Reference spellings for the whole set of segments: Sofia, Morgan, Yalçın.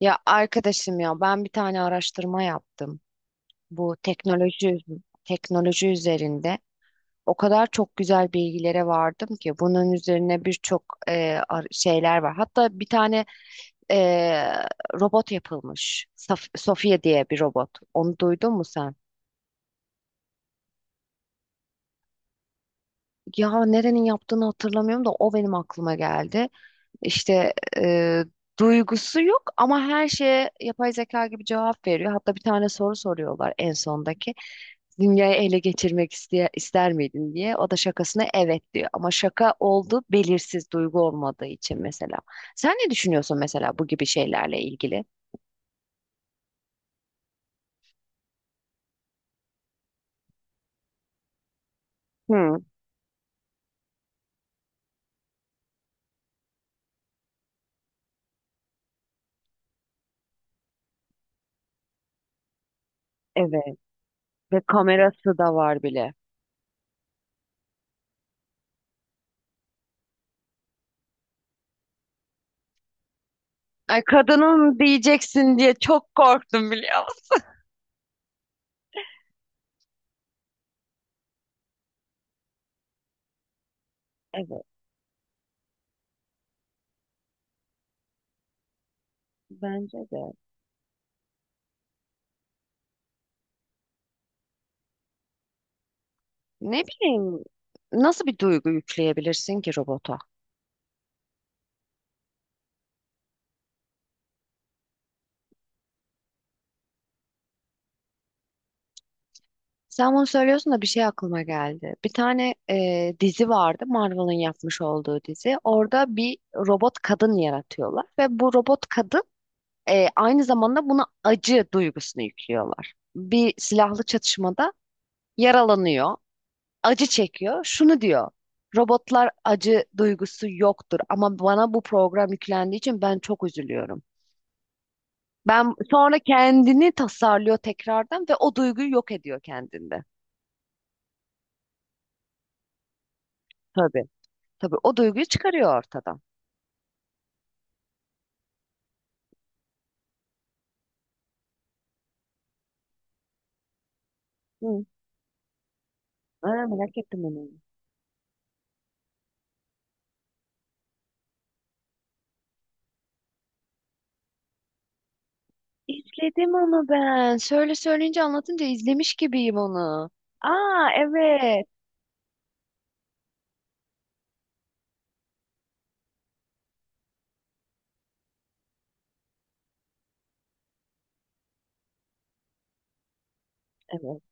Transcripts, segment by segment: Ya arkadaşım ya ben bir tane araştırma yaptım. Bu teknoloji üzerinde o kadar çok güzel bilgilere vardım ki bunun üzerine birçok şeyler var. Hatta bir tane e, robot yapılmış. Saf Sofia diye bir robot. Onu duydun mu sen? Ya nerenin yaptığını hatırlamıyorum da o benim aklıma geldi. İşte duygusu yok ama her şeye yapay zeka gibi cevap veriyor. Hatta bir tane soru soruyorlar en sondaki. Dünyayı ele geçirmek ister miydin diye. O da şakasına evet diyor. Ama şaka oldu, belirsiz duygu olmadığı için mesela. Sen ne düşünüyorsun mesela bu gibi şeylerle ilgili? Hı, evet. Ve kamerası da var bile. Ay kadının diyeceksin diye çok korktum, biliyor musun? Evet, bence de. Ne bileyim, nasıl bir duygu yükleyebilirsin ki robota? Sen bunu söylüyorsun da bir şey aklıma geldi. Bir tane dizi vardı, Marvel'ın yapmış olduğu dizi. Orada bir robot kadın yaratıyorlar ve bu robot kadın aynı zamanda buna acı duygusunu yüklüyorlar. Bir silahlı çatışmada yaralanıyor, acı çekiyor. Şunu diyor, robotlar acı duygusu yoktur ama bana bu program yüklendiği için ben çok üzülüyorum. Ben sonra kendini tasarlıyor tekrardan ve o duyguyu yok ediyor kendinde. Tabii. Tabii o duyguyu çıkarıyor ortadan. Hı. Aa, merak ettim onu. İzledim onu ben. Söyle, söyleyince anlatınca izlemiş gibiyim onu. Aa, evet. Evet.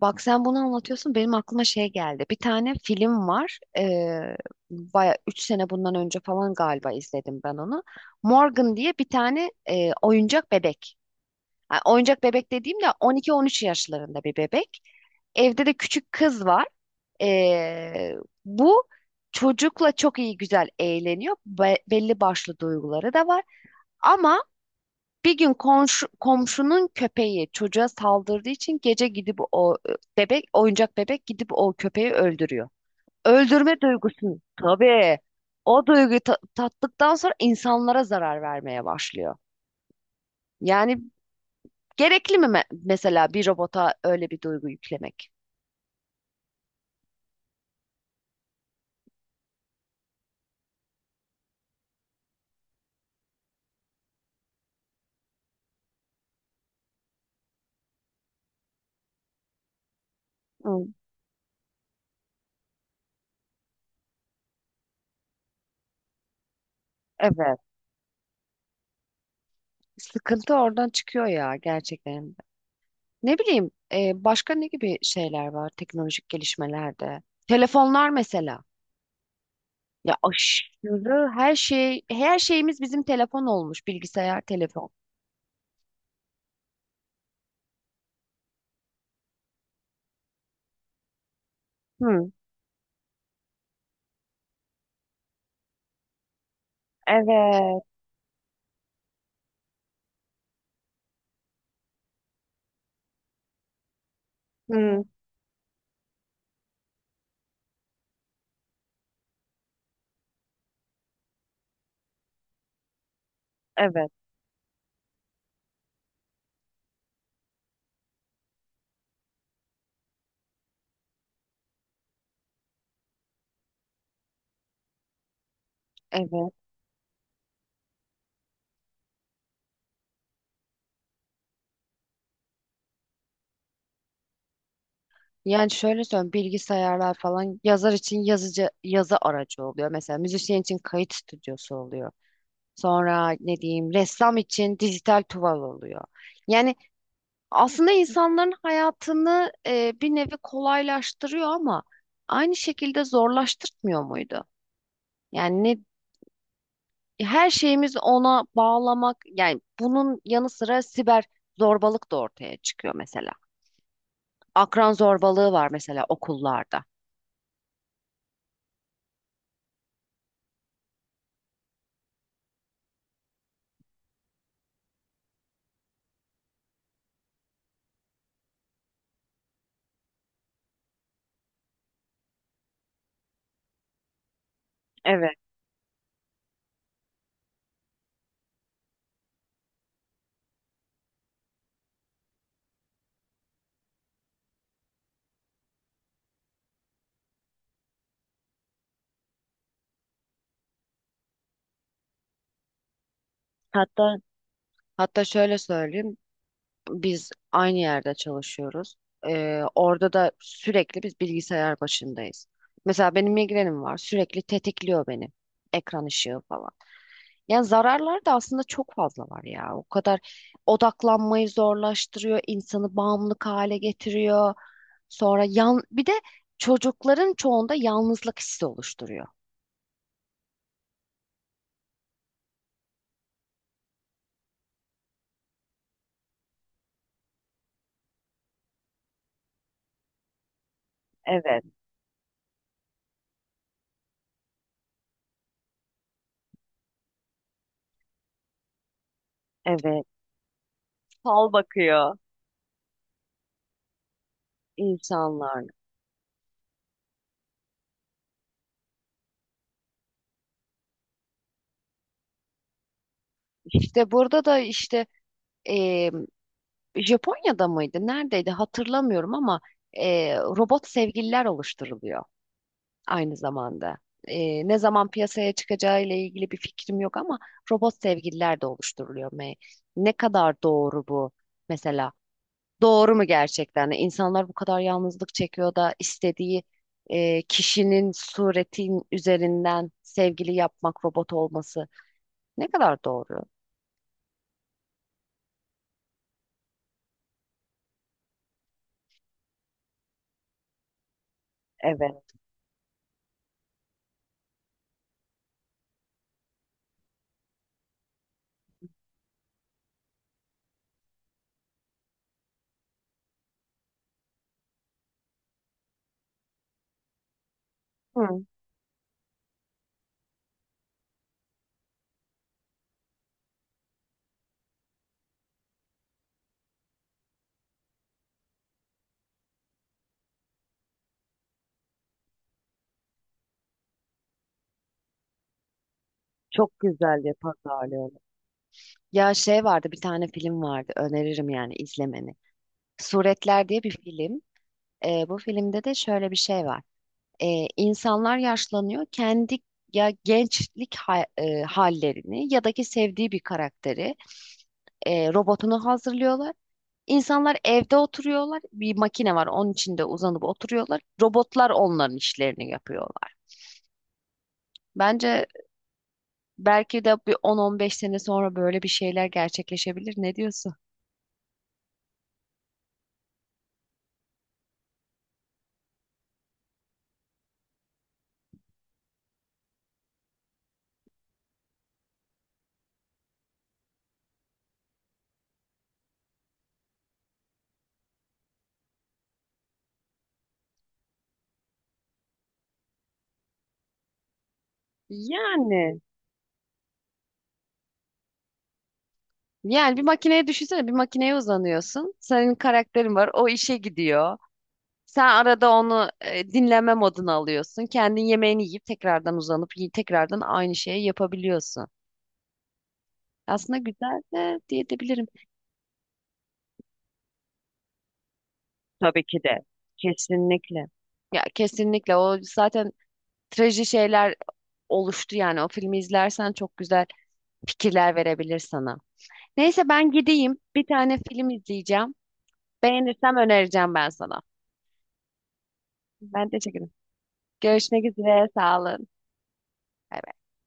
Bak, sen bunu anlatıyorsun, benim aklıma şey geldi. Bir tane film var. Baya 3 sene bundan önce falan galiba izledim ben onu. Morgan diye bir tane oyuncak bebek. Ha, oyuncak bebek dediğim de 12-13 yaşlarında bir bebek. Evde de küçük kız var. Ee, Bu çocukla çok iyi, güzel eğleniyor. Belli başlı duyguları da var. Ama bir gün komşu, komşunun köpeği çocuğa saldırdığı için gece gidip o oyuncak bebek gidip o köpeği öldürüyor. Öldürme duygusunu, tabii o duyguyu tattıktan sonra insanlara zarar vermeye başlıyor. Yani gerekli mi mesela bir robota öyle bir duygu yüklemek? Hı, evet. Sıkıntı oradan çıkıyor ya gerçekten. Ne bileyim, başka ne gibi şeyler var teknolojik gelişmelerde? Telefonlar mesela. Ya aşırı, her şeyimiz bizim telefon olmuş, bilgisayar, telefon. Hı, evet. Hı, evet. Evet. Yani şöyle söyleyeyim, bilgisayarlar falan yazar için yazıcı, yazı aracı oluyor. Mesela müzisyen için kayıt stüdyosu oluyor. Sonra ne diyeyim, ressam için dijital tuval oluyor. Yani aslında insanların hayatını bir nevi kolaylaştırıyor ama aynı şekilde zorlaştırmıyor muydu? Yani ne, her şeyimiz ona bağlamak, yani bunun yanı sıra siber zorbalık da ortaya çıkıyor mesela. Akran zorbalığı var mesela okullarda. Evet. Hatta hatta şöyle söyleyeyim. Biz aynı yerde çalışıyoruz. Orada da sürekli biz bilgisayar başındayız. Mesela benim migrenim var. Sürekli tetikliyor beni. Ekran ışığı falan. Yani zararlar da aslında çok fazla var ya. O kadar odaklanmayı zorlaştırıyor, insanı bağımlılık hale getiriyor. Sonra yan bir de çocukların çoğunda yalnızlık hissi oluşturuyor. Evet, evet. Fal bakıyor. İnsanlarla. İşte burada da işte e, Japonya'da mıydı? Neredeydi? Hatırlamıyorum ama robot sevgililer oluşturuluyor aynı zamanda. Ne zaman piyasaya çıkacağı ile ilgili bir fikrim yok ama robot sevgililer de oluşturuluyor. Ne kadar doğru bu mesela? Doğru mu gerçekten? Hani İnsanlar bu kadar yalnızlık çekiyor da istediği kişinin suretin üzerinden sevgili yapmak, robot olması ne kadar doğru? Evet. Hı. Çok güzel bir pazarlıyor. Ya şey vardı, bir tane film vardı, öneririm yani izlemeni. Suretler diye bir film. Bu filmde de şöyle bir şey var. İnsanlar yaşlanıyor, kendi ya gençlik hallerini ya da ki sevdiği bir karakteri, robotunu hazırlıyorlar. İnsanlar evde oturuyorlar. Bir makine var, onun içinde uzanıp oturuyorlar. Robotlar onların işlerini yapıyorlar. Bence belki de bir on, on beş sene sonra böyle bir şeyler gerçekleşebilir. Ne diyorsun? Yani. Yani bir makineye, düşünsene, bir makineye uzanıyorsun. Senin karakterin var, o işe gidiyor. Sen arada onu dinleme moduna alıyorsun. Kendin yemeğini yiyip tekrardan uzanıp tekrardan aynı şeyi yapabiliyorsun. Aslında güzel de diyebilirim. Tabii ki de. Kesinlikle. Ya kesinlikle, o zaten traji şeyler oluştu yani, o filmi izlersen çok güzel fikirler verebilir sana. Neyse, ben gideyim, bir tane film izleyeceğim. Beğenirsem önereceğim ben sana. Ben teşekkür Görüşmek üzere. Sağ olun. Bay bay.